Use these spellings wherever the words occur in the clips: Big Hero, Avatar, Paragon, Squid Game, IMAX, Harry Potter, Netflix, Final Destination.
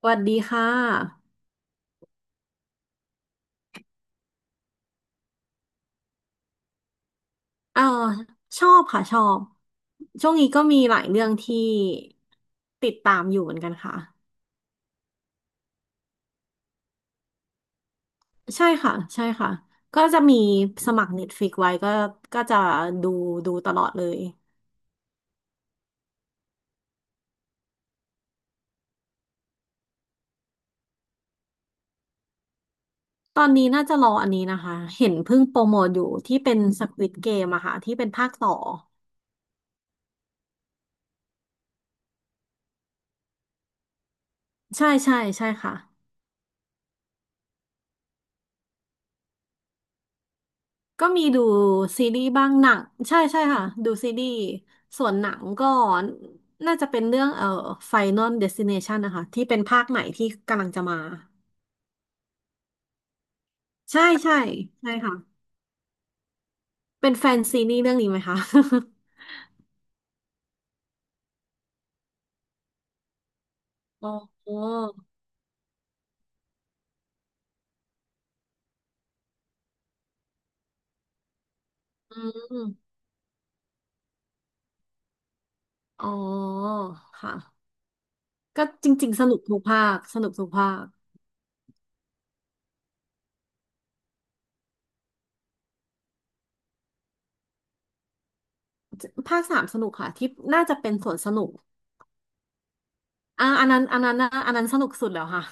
สวัสดีค่ะเออชอบค่ะชอบช่วงนี้ก็มีหลายเรื่องที่ติดตามอยู่เหมือนกันค่ะ ใช่ค่ะ ใช่ค่ะ ก็จะมีสมัคร Netflix ไว้ก็จะดูดูตลอดเลย ตอนนี้น่าจะรออันนี้นะคะ เห็นเพิ่งโปรโมทอยู่ที่เป็น Squid Game อะค่ะที่เป็นภาคต่อ ใช่ใช่ใช่ค่ะ ก็มีดูซีรีส์บ้างหนังใช่ใช่ค่ะดูซีรีส์ส่วนหนังก็น่าจะเป็นเรื่องFinal Destination นะคะที่เป็นภาคใหม่ที่กำลังจะมาใช่ใช่ใช่ค่ะเป็นแฟนซีรีส์เรื่องนี้ไหมคะ อ๋ออืมอ๋อค่ะก็จริงๆสนุกทุกภาคสนุกทุกภาคภาคสามสนุกค่ะที่น่าจะเป็นส่วนสนุกอันนั้นอันนั้นนะอันนั้นสนุกสุดแล้วค่ะ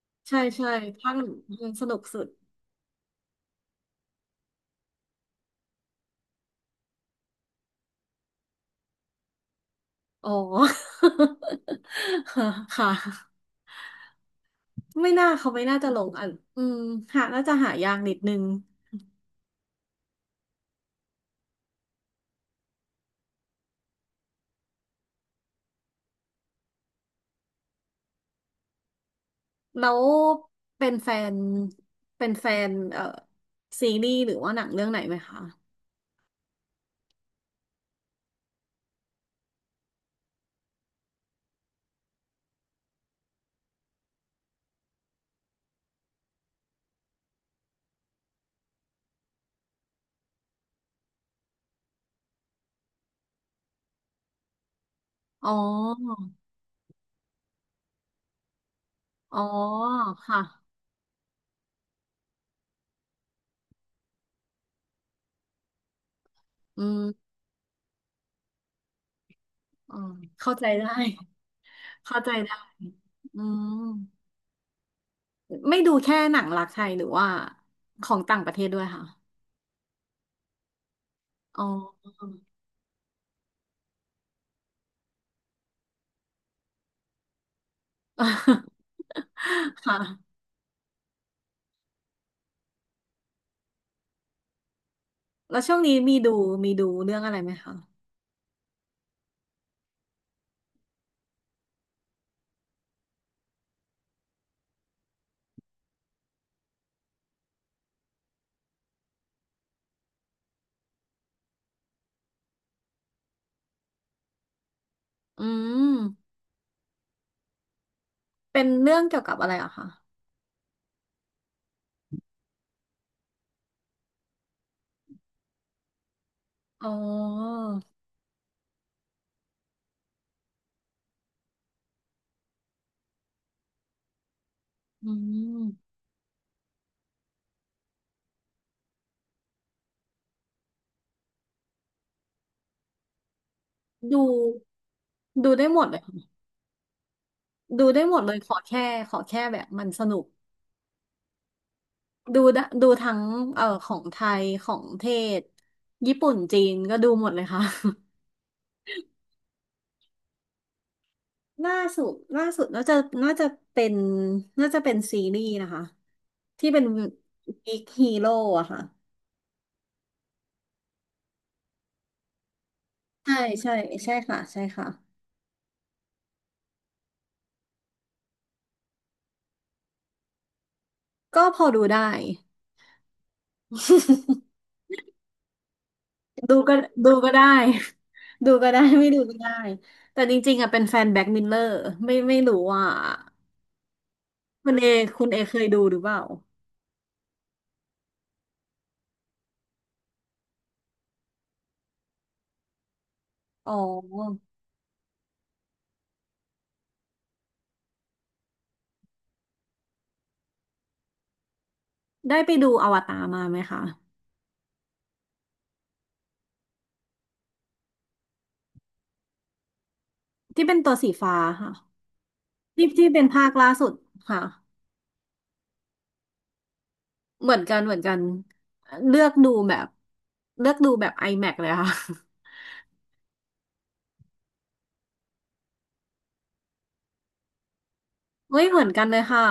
ใช่ใช่ภาคหนึ่งสนุกสุด อ๋อ ค่ะไม่น่าเขาไม่น่าจะลงอ่ะอืมหาน่าจะหายากนิดนึงแล้วเป็นแฟนเป็นแฟนซีรีส์หรือว่าหนังเรื่องไหนไหมคะอ๋ออ๋อค่ะอืมอ๋อเข้าใจได้เข้าใจได้อืมไม่ดูแค่หนังรักไทยหรือว่าของต่างประเทศด้วยค่ะอ๋อ ค่ะแล้วช่วงนี้มีดูเรื่องอะไรไหมคะ อืม เป็นเรื่องเกี่ยวกับอะไรอะคะอ๋ออืม ดู ดูได้หมดเลยค่ะ ดูได้หมดเลยขอแค่แบบมันสนุก ดูได้ดูทั้งของไทยของเทศ ญี่ปุ่น จีน ก็ดูหมดเลยค่ะ ล่าสุดน่าจะเป็นน่าจะเป็นซีรีส์นะคะ ที่เป็นบิ๊กฮีโร่อะค่ะใช่ใช่ใช่ค่ะใช่ค่ะ ก็พอดูได้ ดูก็ดูก็ได้ ดูก็ได้ ไม่ดูก็ได้แต่จริงๆอ่ะเป็นแฟนแบ็คมิลเลอร์ไม่รู้ว่าคุณเอคุณเอเคยดูหรือเปล่าอ๋อได้ไปดูอวตารมาไหมคะที่เป็นตัวสีฟ้าค่ะที่ที่เป็นภาคล่าสุดค่ะเหมือนกันเหมือนกันเลือกดูแบบเลือกดูแบบ IMAX เลยค่ะ เฮ้ยเหมือนกันเลยค่ะ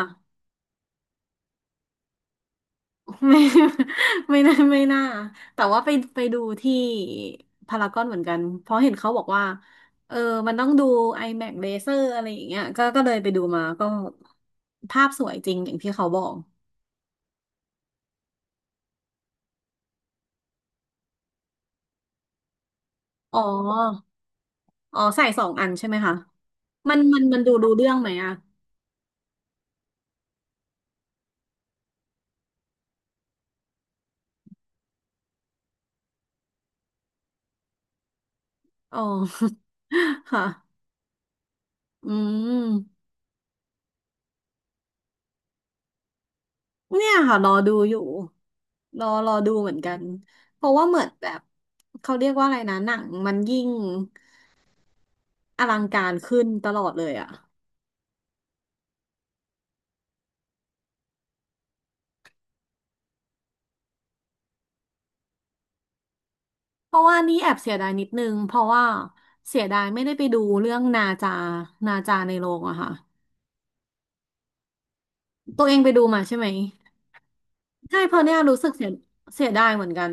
ไม่ ไม่น่าไม่น่าแต่ว่าไปดูที่พารากอนเหมือนกันเพราะเห็นเขาบอกว่าเออมันต้องดู i m a c เลเซอร์อะไรอย่างเงี้ยก็เลยไปดูมาก็ภาพสวยจริงอย่างที่เขาบอกอ๋ออ๋อใส่สองอันใช่ไหมคะมันดูรู้เรื่องไหมอะอ๋อ ค่ะอืมเนี่ยค่ะรอดูอยู่รอดูเหมือนกันเพราะว่าเหมือนแบบเขาเรียกว่าอะไรนะหนังมันยิ่ง อลังการขึ้นตลอดเลยอะเพราะว่านี่แอบเสียดายนิดนึง เพราะว่าเสียดายไม่ได้ไปดูเรื่องนาจาในโรงอะค่ะตัวเองไปดูมาใช่ไหมใช่เพราะเนี่ยรู้สึกเสียดายเหมือนกัน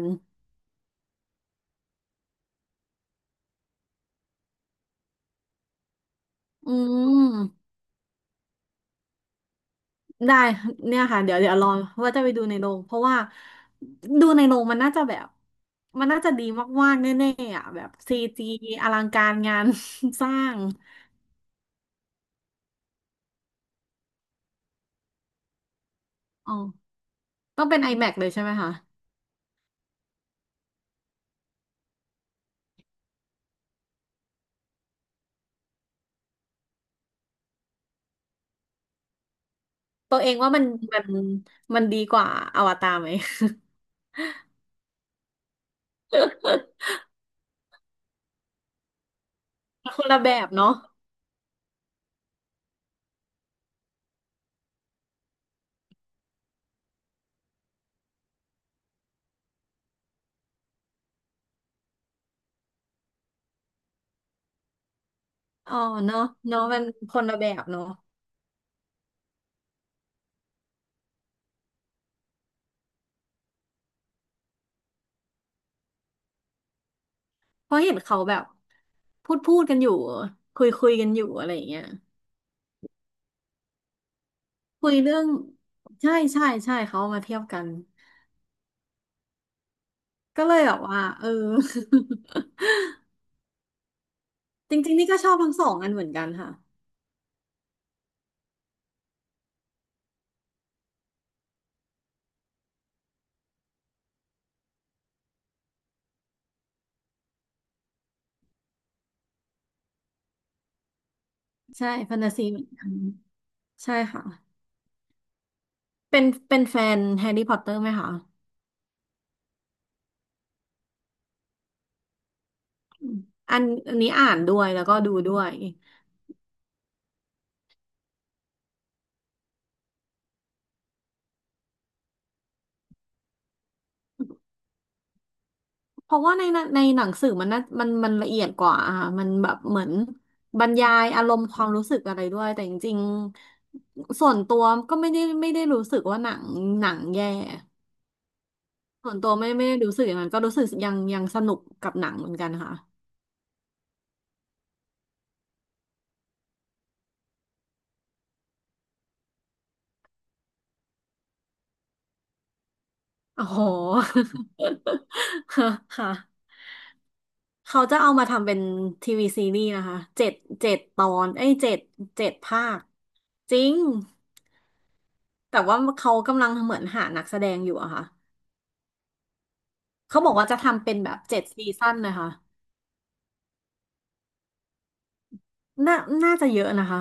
อืมได้เนี่ยค่ะเดี๋ยวเดี๋ยวรอว่าจะไปดูในโรงเพราะว่าดูในโรงมันน่าจะแบบมันน่าจะดีมากๆแน่ๆอ่ะแบบซีจีอลังการงาน สร้างอ๋อต้องเป็น iMac เลยใช่ไหมคะ ตัวเองว่ามันมันดีกว่าอวตารไหม คนละแบบเนาะอ๋อเนาะเนาะมันคนละแบบเนาะเพราะเห็นเขาแบบพูดพูดกันอยู่คุยคุยกันอยู่อะไรอย่างเงี้ยคุยเรื่องใช่ใช่ใช่เขาเอามาเทียบกันก็เลยแบบว่าเออ จริงๆนี่ก็ชอบทั้งสองอันเหมือนกันค่ะใช่แฟนตาซีเหมือนกันใช่ค่ะเป็นแฟนแฮร์รี่พอตเตอร์ไหมคะอันอันนี้อ่านด้วยแล้วก็ดูด้วย เพราะว่าในหนังสือมันน่ามันมันละเอียดกว่าอ่ะมันแบบเหมือนบรรยายอารมณ์ความรู้สึกอะไรด้วยแต่จริงๆส่วนตัวก็ไม่ได้รู้สึกว่าหนังแย่ส่วนตัวไม่ได้รู้สึกอย่างนั้นก็รู้สึกยังสนุกกับหนังเหมือนกันค่ะโอ้โห ค่ะเขาจะเอามาทำเป็นทีวีซีรีส์นะคะเจ็ดเจ็ดตอนเอ้ยเจ็ดภาคจริงแต่ว่าเขากำลังเหมือนหานักแสดงอยู่อะค่ะ เขาบอกว่าจะทำเป็นแบบเจ็ดซีซั่นนะคะน่าน่าจะเยอะนะคะ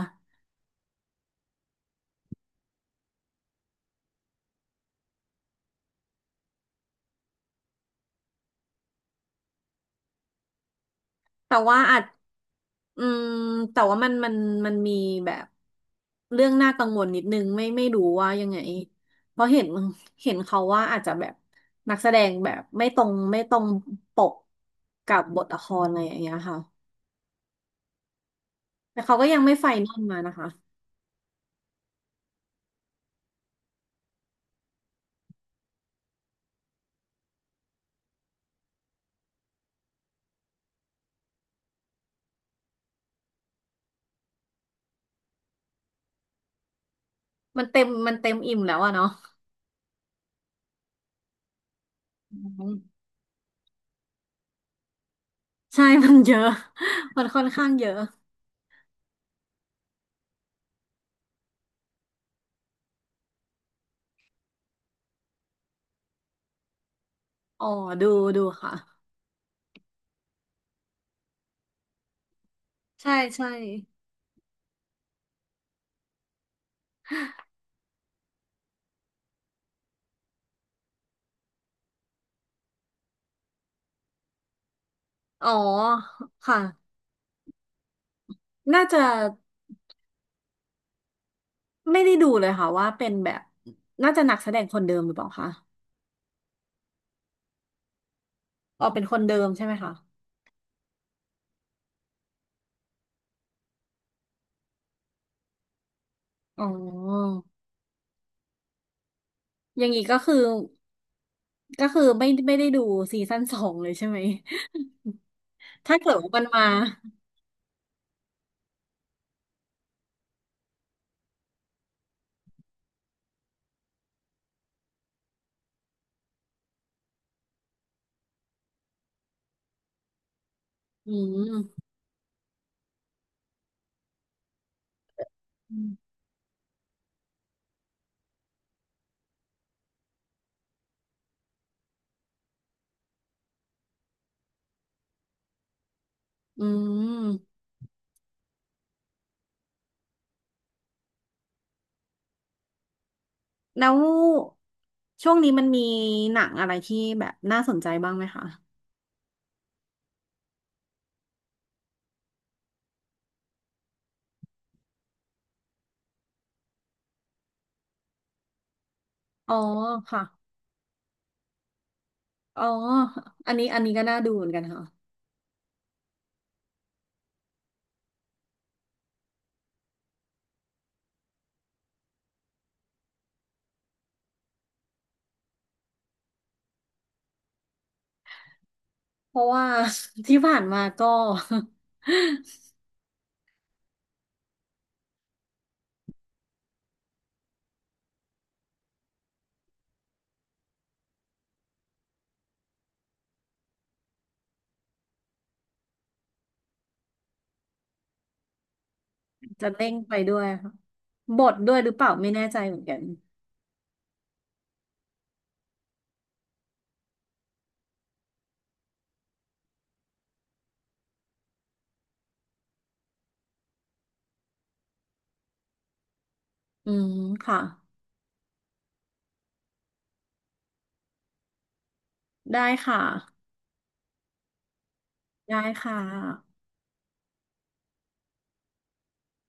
แต่ว่าอาจอืมแต่ว่ามันมีแบบเรื่องน่ากังวลนิดนึงไม่รู้ว่ายังไงเพราะเห็นเขาว่าอาจจะแบบนักแสดงแบบไม่ตรงไม่ตรงปกกับบทละครอะไรอย่างเงี้ยค่ะแต่เขาก็ยังไม่ไฟนอลมานะคะมันเต็มอิ่มแล้วอะเนาะอืมใช่มันเยอะมันค่อนข้างเยอะอ๋อดูดูค่ะใช่ใช่ อ๋อค่ะน่าจะไม่ได้ดูเลยค่ะว่าเป็นแบบน่าจะนักแสดงคนเดิมหรือเปล่าคะอ๋อเป็นคนเดิมใช่ไหมคะอ๋ออย่างนี้ก็คือไม่ได้ดูซีซั่นสองเลยใช่ไหม ถ้าเกิดว่ามันมาอืมอืมอืมแล้วช่วงนี้มันมีหนังอะไรที่แบบน่าสนใจบ้างไหมคะอ๋อค่ะอ๋ออันนี้ก็น่าดูเหมือนกันค่ะเพราะว่า ที่ผ่านมาก็ จะเร่งไปด้วยค่ะบทด้วยหรือเปล่าไม่แน่ใจเหมือนกันอืมค่ะได้ค่ะได้ค่ะ